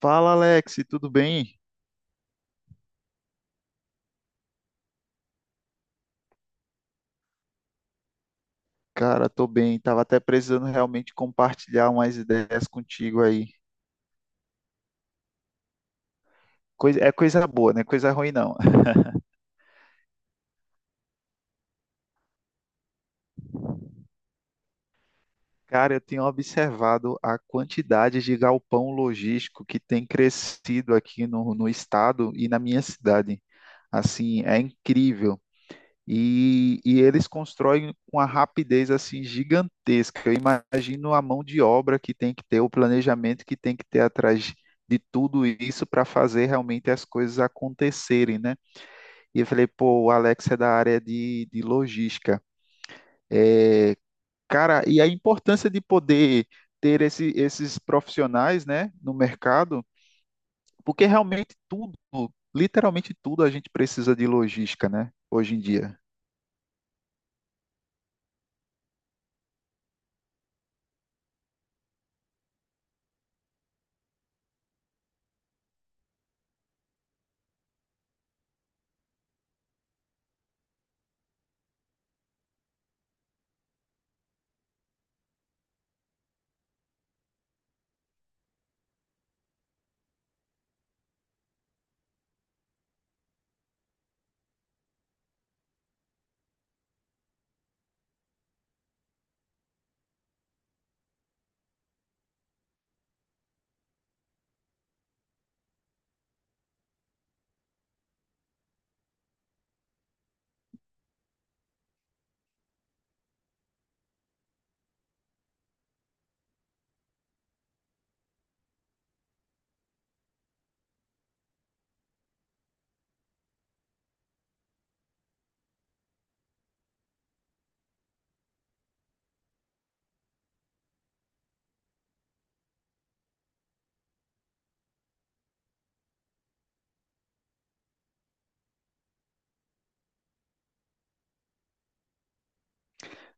Fala, Alex, tudo bem? Cara, tô bem. Tava até precisando realmente compartilhar umas ideias contigo aí. É coisa boa, não é coisa ruim não. Cara, eu tenho observado a quantidade de galpão logístico que tem crescido aqui no estado e na minha cidade. Assim, é incrível. E eles constroem com uma rapidez assim gigantesca. Eu imagino a mão de obra que tem que ter, o planejamento que tem que ter atrás de tudo isso para fazer realmente as coisas acontecerem, né? E eu falei, pô, o Alex é da área de logística. É, cara, e a importância de poder ter esses profissionais, né, no mercado, porque realmente tudo, literalmente tudo, a gente precisa de logística, né, hoje em dia.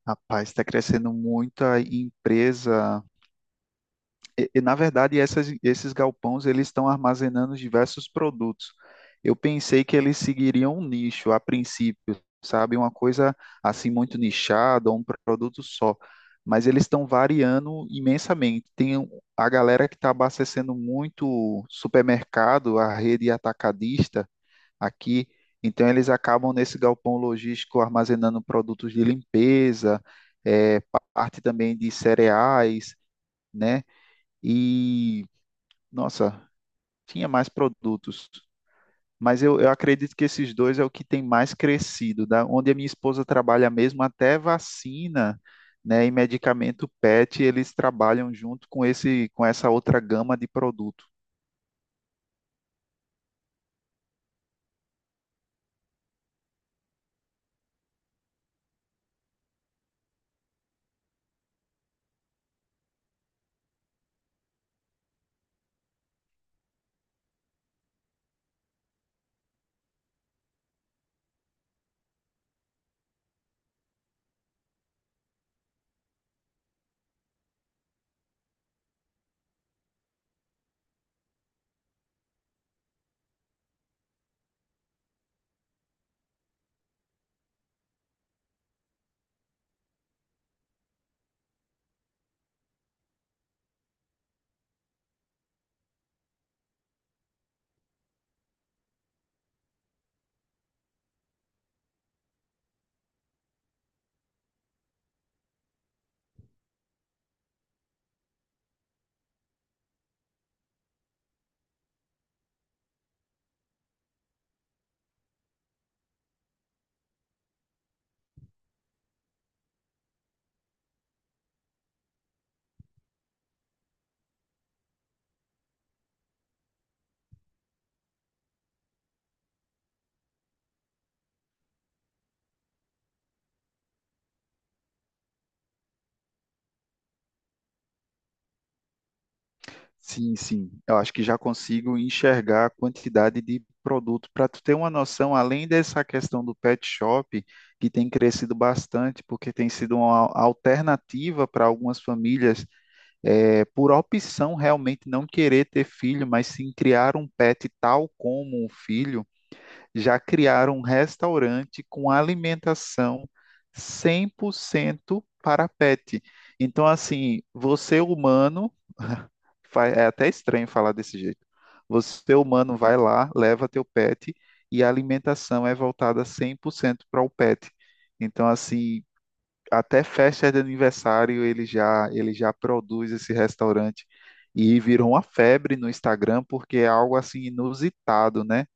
Rapaz, está crescendo muito a empresa. Na verdade, esses galpões eles estão armazenando diversos produtos. Eu pensei que eles seguiriam um nicho a princípio, sabe? Uma coisa assim muito nichada, um produto só. Mas eles estão variando imensamente. A galera que está abastecendo muito supermercado, a rede atacadista aqui. Então, eles acabam nesse galpão logístico armazenando produtos de limpeza, eh, parte também de cereais, né? E, nossa, tinha mais produtos. Mas eu acredito que esses dois é o que tem mais crescido, né? Onde a minha esposa trabalha mesmo, até vacina, né, e medicamento PET, eles trabalham junto com esse, com essa outra gama de produtos. Sim, sim. Eu acho que já consigo enxergar a quantidade de produto. Para tu ter uma noção, além dessa questão do pet shop, que tem crescido bastante, porque tem sido uma alternativa para algumas famílias, por opção realmente não querer ter filho, mas sim criar um pet tal como um filho já criaram um restaurante com alimentação 100% para pet. Então, assim, você humano, é até estranho falar desse jeito. Você humano vai lá, leva teu pet e a alimentação é voltada 100% para o pet. Então, assim, até festa de aniversário ele já produz esse restaurante e virou uma febre no Instagram porque é algo assim inusitado, né?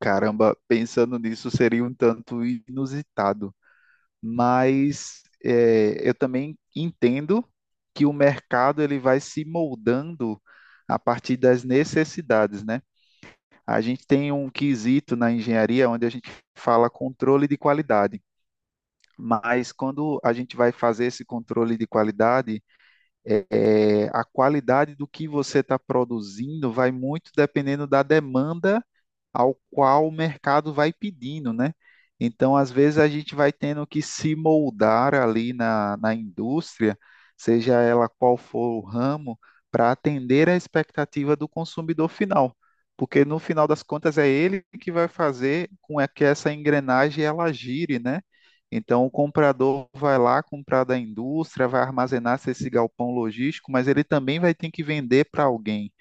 Caramba, pensando nisso seria um tanto inusitado, mas é, eu também entendo que o mercado ele vai se moldando a partir das necessidades, né? A gente tem um quesito na engenharia onde a gente fala controle de qualidade, mas quando a gente vai fazer esse controle de qualidade, é, a qualidade do que você está produzindo vai muito dependendo da demanda ao qual o mercado vai pedindo, né? Então, às vezes, a gente vai tendo que se moldar ali na indústria, seja ela qual for o ramo, para atender a expectativa do consumidor final. Porque, no final das contas, é ele que vai fazer com é que essa engrenagem ela gire, né? Então, o comprador vai lá comprar da indústria, vai armazenar esse galpão logístico, mas ele também vai ter que vender para alguém,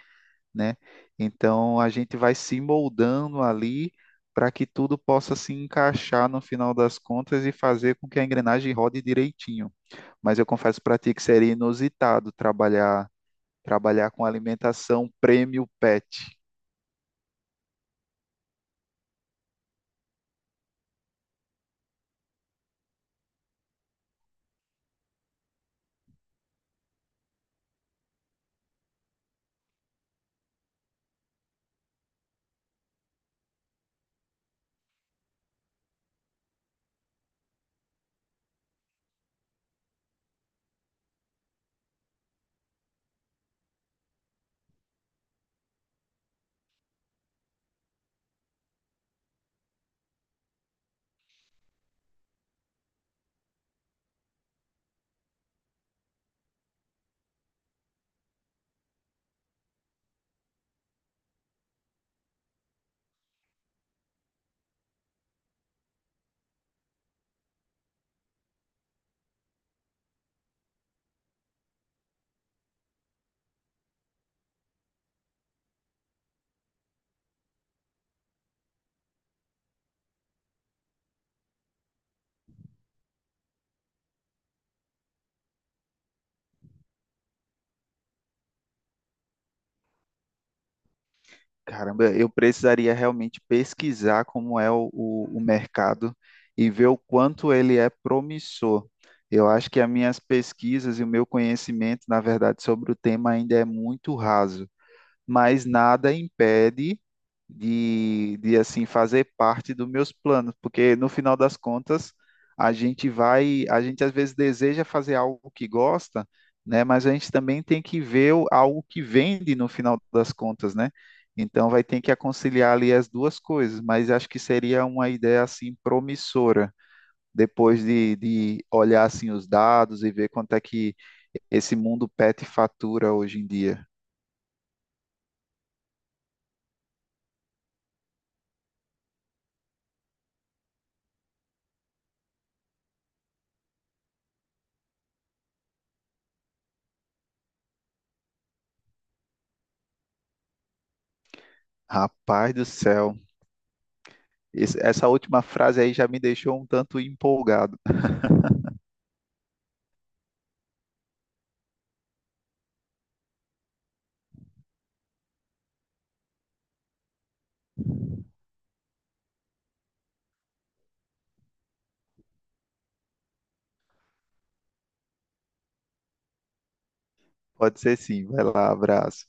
né? Então a gente vai se moldando ali para que tudo possa se encaixar no final das contas e fazer com que a engrenagem rode direitinho. Mas eu confesso para ti que seria inusitado trabalhar com alimentação premium pet. Caramba, eu precisaria realmente pesquisar como é o mercado e ver o quanto ele é promissor. Eu acho que as minhas pesquisas e o meu conhecimento, na verdade, sobre o tema ainda é muito raso. Mas nada impede de assim fazer parte dos meus planos, porque no final das contas a gente às vezes deseja fazer algo que gosta, né? Mas a gente também tem que ver algo que vende no final das contas, né? Então vai ter que conciliar ali as duas coisas, mas acho que seria uma ideia assim promissora depois de olhar assim os dados e ver quanto é que esse mundo pet fatura hoje em dia. Rapaz do céu. Essa última frase aí já me deixou um tanto empolgado. Pode ser, sim. Vai lá, abraço.